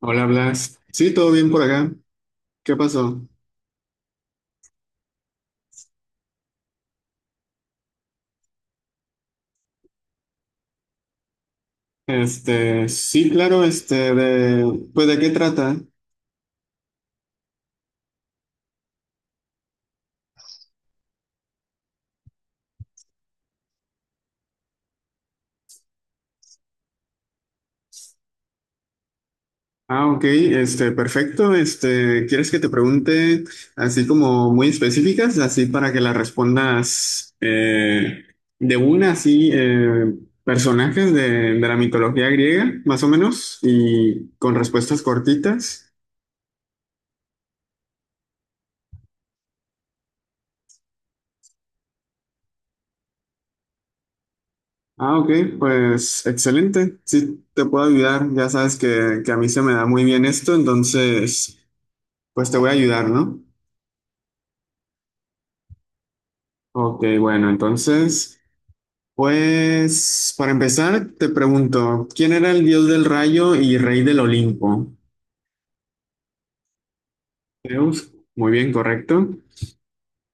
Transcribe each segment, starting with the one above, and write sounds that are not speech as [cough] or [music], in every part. Hola Blas. Sí, todo bien por acá. ¿Qué pasó? Sí, claro, pues ¿de qué trata? Ah, ok, perfecto. ¿Quieres que te pregunte así como muy específicas, así para que las respondas de una, así, personajes de la mitología griega, más o menos, y con respuestas cortitas? Ah, ok, pues excelente. Sí, te puedo ayudar. Ya sabes que a mí se me da muy bien esto, entonces, pues te voy a ayudar, ¿no? Ok, bueno, entonces, pues para empezar, te pregunto, ¿quién era el dios del rayo y rey del Olimpo? Zeus. Muy bien, correcto.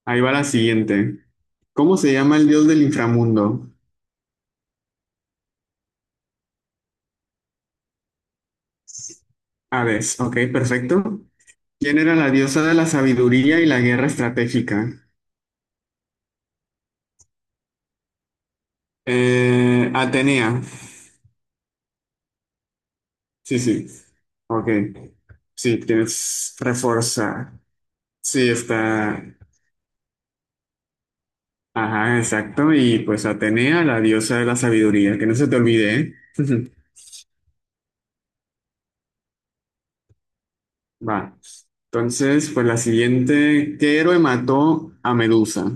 Ahí va la siguiente. ¿Cómo se llama el dios del inframundo? Hades. Ok, perfecto. ¿Quién era la diosa de la sabiduría y la guerra estratégica? Atenea. Sí, sí. Ok. Sí, tienes reforzar. Sí, está. Ajá, exacto. Y pues Atenea, la diosa de la sabiduría, que no se te olvide, ¿eh? [laughs] Va. Entonces, pues la siguiente, ¿qué héroe mató a Medusa?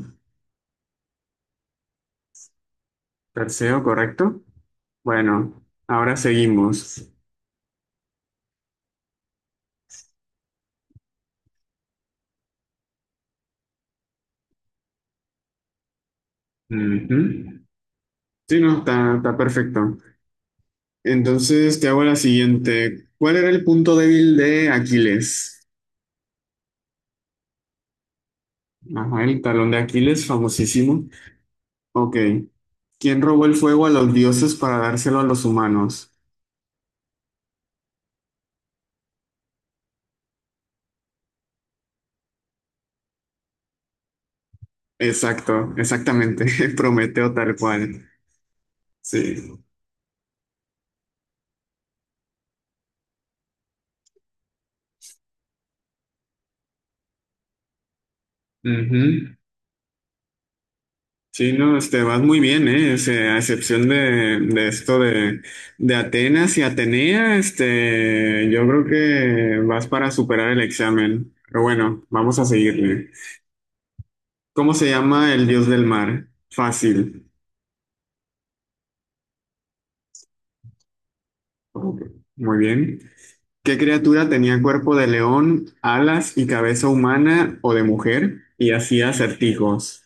Perseo, ¿correcto? Bueno, ahora seguimos. Ujú. Sí, no, está perfecto. Entonces, te hago la siguiente. ¿Cuál era el punto débil de Aquiles? Ajá, el talón de Aquiles, famosísimo. Ok. ¿Quién robó el fuego a los dioses para dárselo a los humanos? Exacto, exactamente. [laughs] Prometeo tal cual. Sí. Ujú. Sí, no, vas muy bien, ¿eh? O sea, a excepción de esto de Atenas y Atenea, yo creo que vas para superar el examen. Pero bueno, vamos a seguirle. ¿Cómo se llama el dios del mar? Fácil. Ok, muy bien. ¿Qué criatura tenía cuerpo de león, alas y cabeza humana o de mujer y hacía acertijos?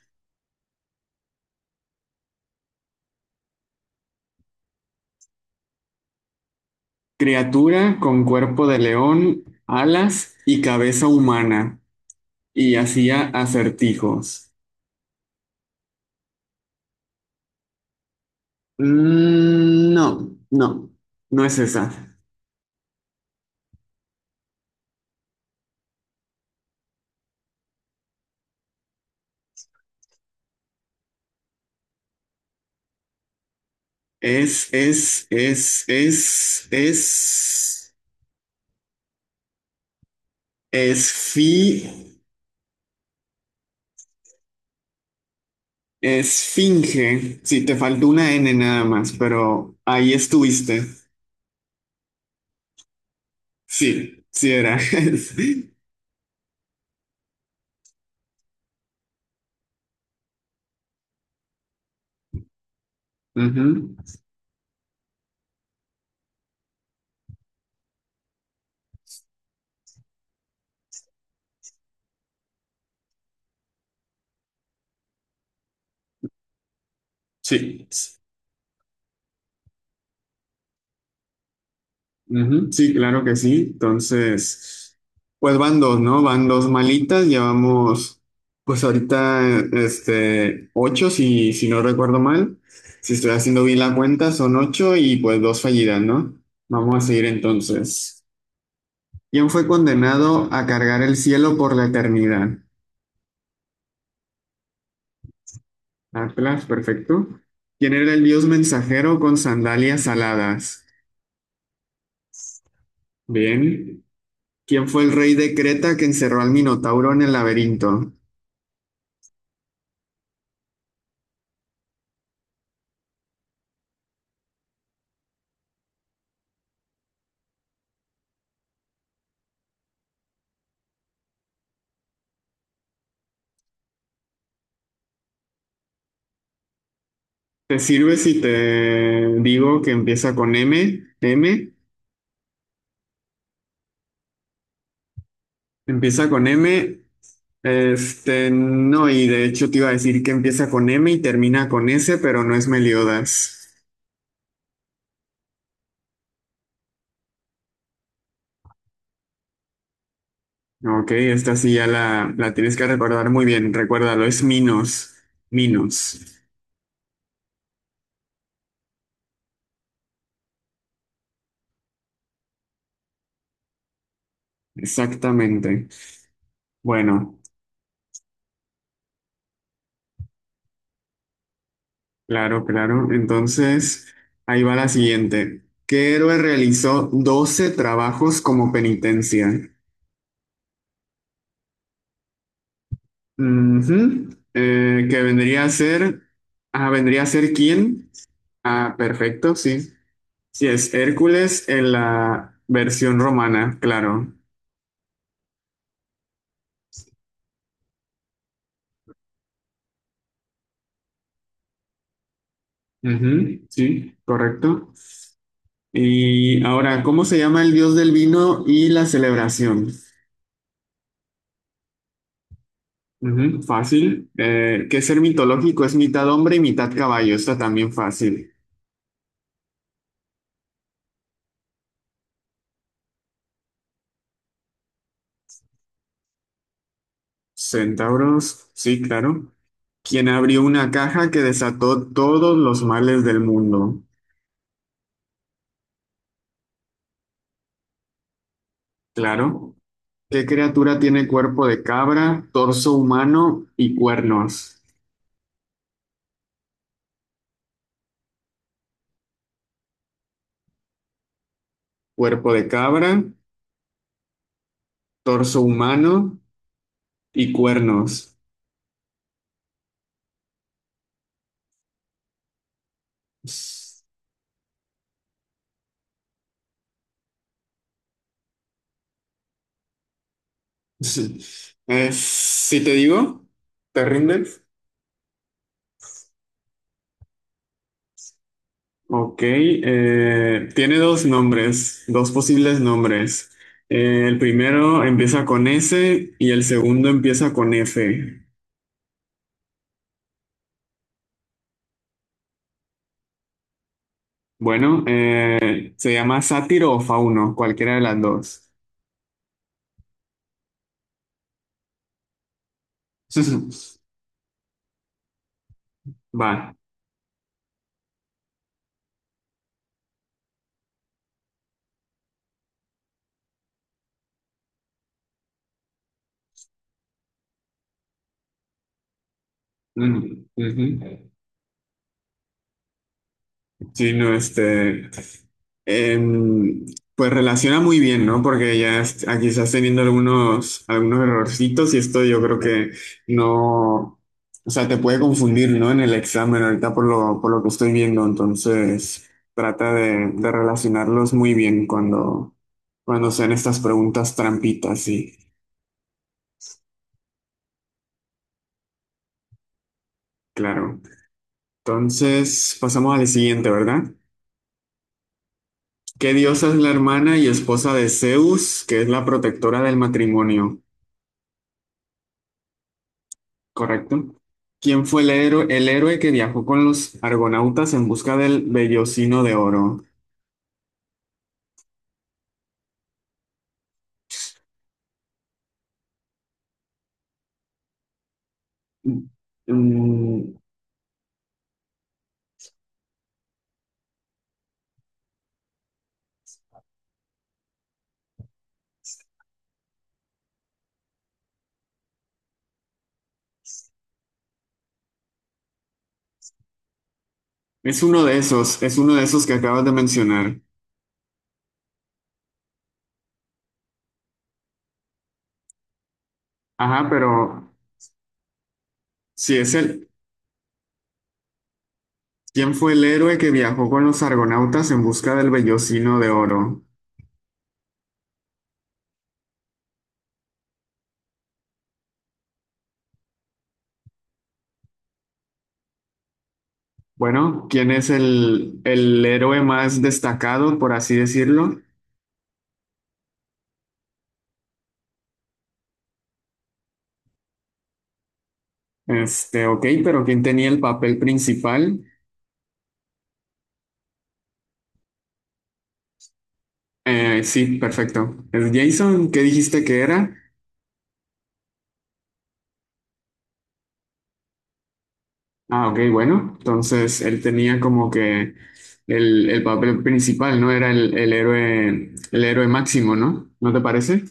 Criatura con cuerpo de león, alas y cabeza humana y hacía acertijos. Mm, no, no, no es esa. Es, es, es, es, es, esfi, esfinge. Sí, te faltó una N nada más, pero ahí estuviste. Sí, sí era. [laughs] Sí. Ujú, sí, ujú, sí, claro que sí. Entonces, pues van dos, ¿no? Van dos malitas. Llevamos, pues ahorita, ocho, si no recuerdo mal. Si estoy haciendo bien la cuenta, son ocho y pues dos fallidas, ¿no? Vamos a seguir entonces. ¿Quién fue condenado a cargar el cielo por la eternidad? Atlas, perfecto. ¿Quién era el dios mensajero con sandalias aladas? Bien. ¿Quién fue el rey de Creta que encerró al Minotauro en el laberinto? ¿Te sirve si te digo que empieza con M? ¿M? Empieza con M. No, y de hecho te iba a decir que empieza con M y termina con S, pero no es Meliodas. Ok, esta sí ya la tienes que recordar muy bien. Recuérdalo, es Minos. Minos. Exactamente. Bueno. Claro, claro. Entonces, ahí va la siguiente. ¿Qué héroe realizó 12 trabajos como penitencia? Ujú. Que vendría a ser, ah, ¿vendría a ser quién? Ah, perfecto, sí. Sí, es Hércules en la versión romana, claro. Ujú, sí, correcto. Y ahora, ¿cómo se llama el dios del vino y la celebración? Ujú, fácil. ¿Qué ser mitológico? Es mitad hombre y mitad caballo. Está también fácil. Centauros, sí, claro. ¿Quién abrió una caja que desató todos los males del mundo? Claro. ¿Qué criatura tiene cuerpo de cabra, torso humano y cuernos? Cuerpo de cabra, torso humano y cuernos. [laughs] Si te digo, ¿te rindes? Ok, tiene dos nombres, dos posibles nombres. El primero empieza con S y el segundo empieza con F. Bueno, se llama sátiro o fauno, cualquiera de las dos. [laughs] Va. Mm, ujú. Sí, no, em, pues relaciona muy bien, ¿no? Porque aquí estás teniendo algunos errorcitos y esto yo creo que no, o sea, te puede confundir, ¿no? En el examen ahorita por lo que estoy viendo, entonces trata de relacionarlos muy bien cuando sean estas preguntas trampitas, sí, claro. Entonces pasamos al siguiente, ¿verdad? ¿Qué diosa es la hermana y esposa de Zeus, que es la protectora del matrimonio? Correcto. ¿Quién fue el héroe que viajó con los argonautas en busca del vellocino de oro? Mm, mm, es uno de esos que acabas de mencionar. Ajá, pero si es el, ¿quién fue el héroe que viajó con los argonautas en busca del vellocino de oro? Bueno, ¿quién es el héroe más destacado, por así decirlo? Ok, pero ¿quién tenía el papel principal? Sí, perfecto. ¿Es Jason? ¿Qué dijiste que era? Ah, ok, bueno. Entonces él tenía como que el papel principal, ¿no? Era el héroe máximo, ¿no? ¿No te parece?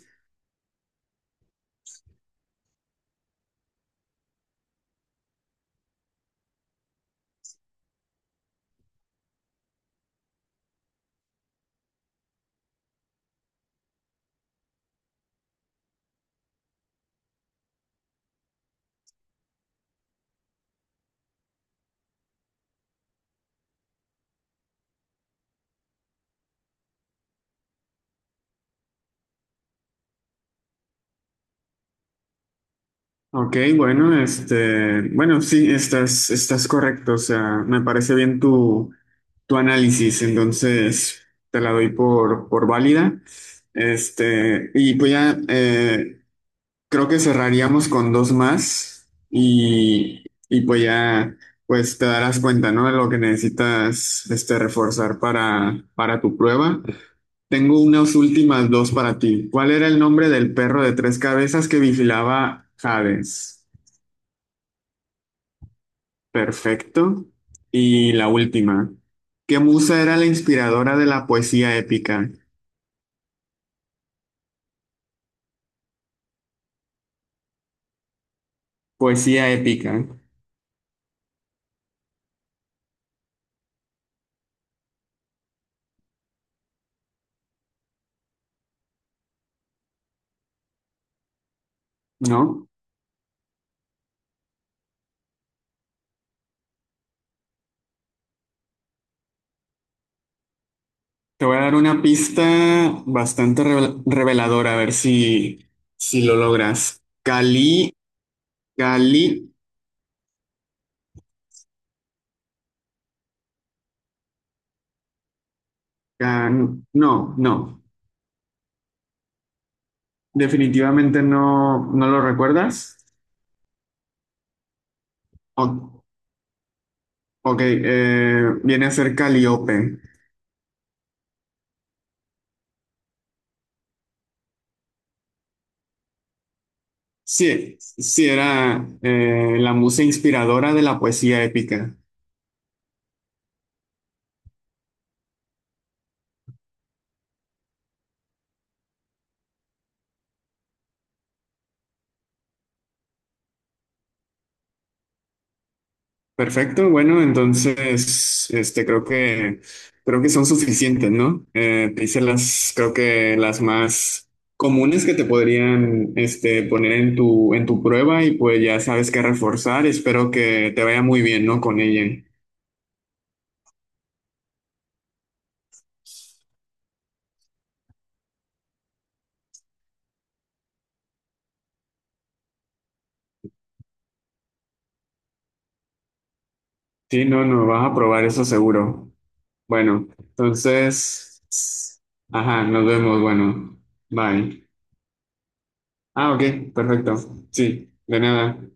Ok, bueno, bueno, sí, estás correcto. O sea, me parece bien tu análisis. Entonces, te la doy por válida. Y pues ya, creo que cerraríamos con dos más y pues ya pues te darás cuenta, ¿no? De lo que necesitas reforzar para tu prueba. Tengo unas últimas dos para ti. ¿Cuál era el nombre del perro de tres cabezas que vigilaba Hades? Perfecto. Y la última. ¿Qué musa era la inspiradora de la poesía épica? Poesía épica, ¿no? Te voy a dar una pista bastante reveladora, a ver si lo logras. Cali, Cali, no, no, definitivamente no, no lo recuerdas. O- ok, viene a ser Calíope. Sí, sí, era la musa inspiradora de la poesía épica. Perfecto, bueno, entonces, creo que son suficientes, ¿no? Te hice las, creo que las más comunes que te podrían, poner en tu prueba y pues ya sabes qué reforzar. Espero que te vaya muy bien, ¿no? Con ella. Sí, no, no, vas a probar eso seguro. Bueno, entonces, ajá, nos vemos, bueno, bye. Ah, ok, perfecto. Sí, de nada.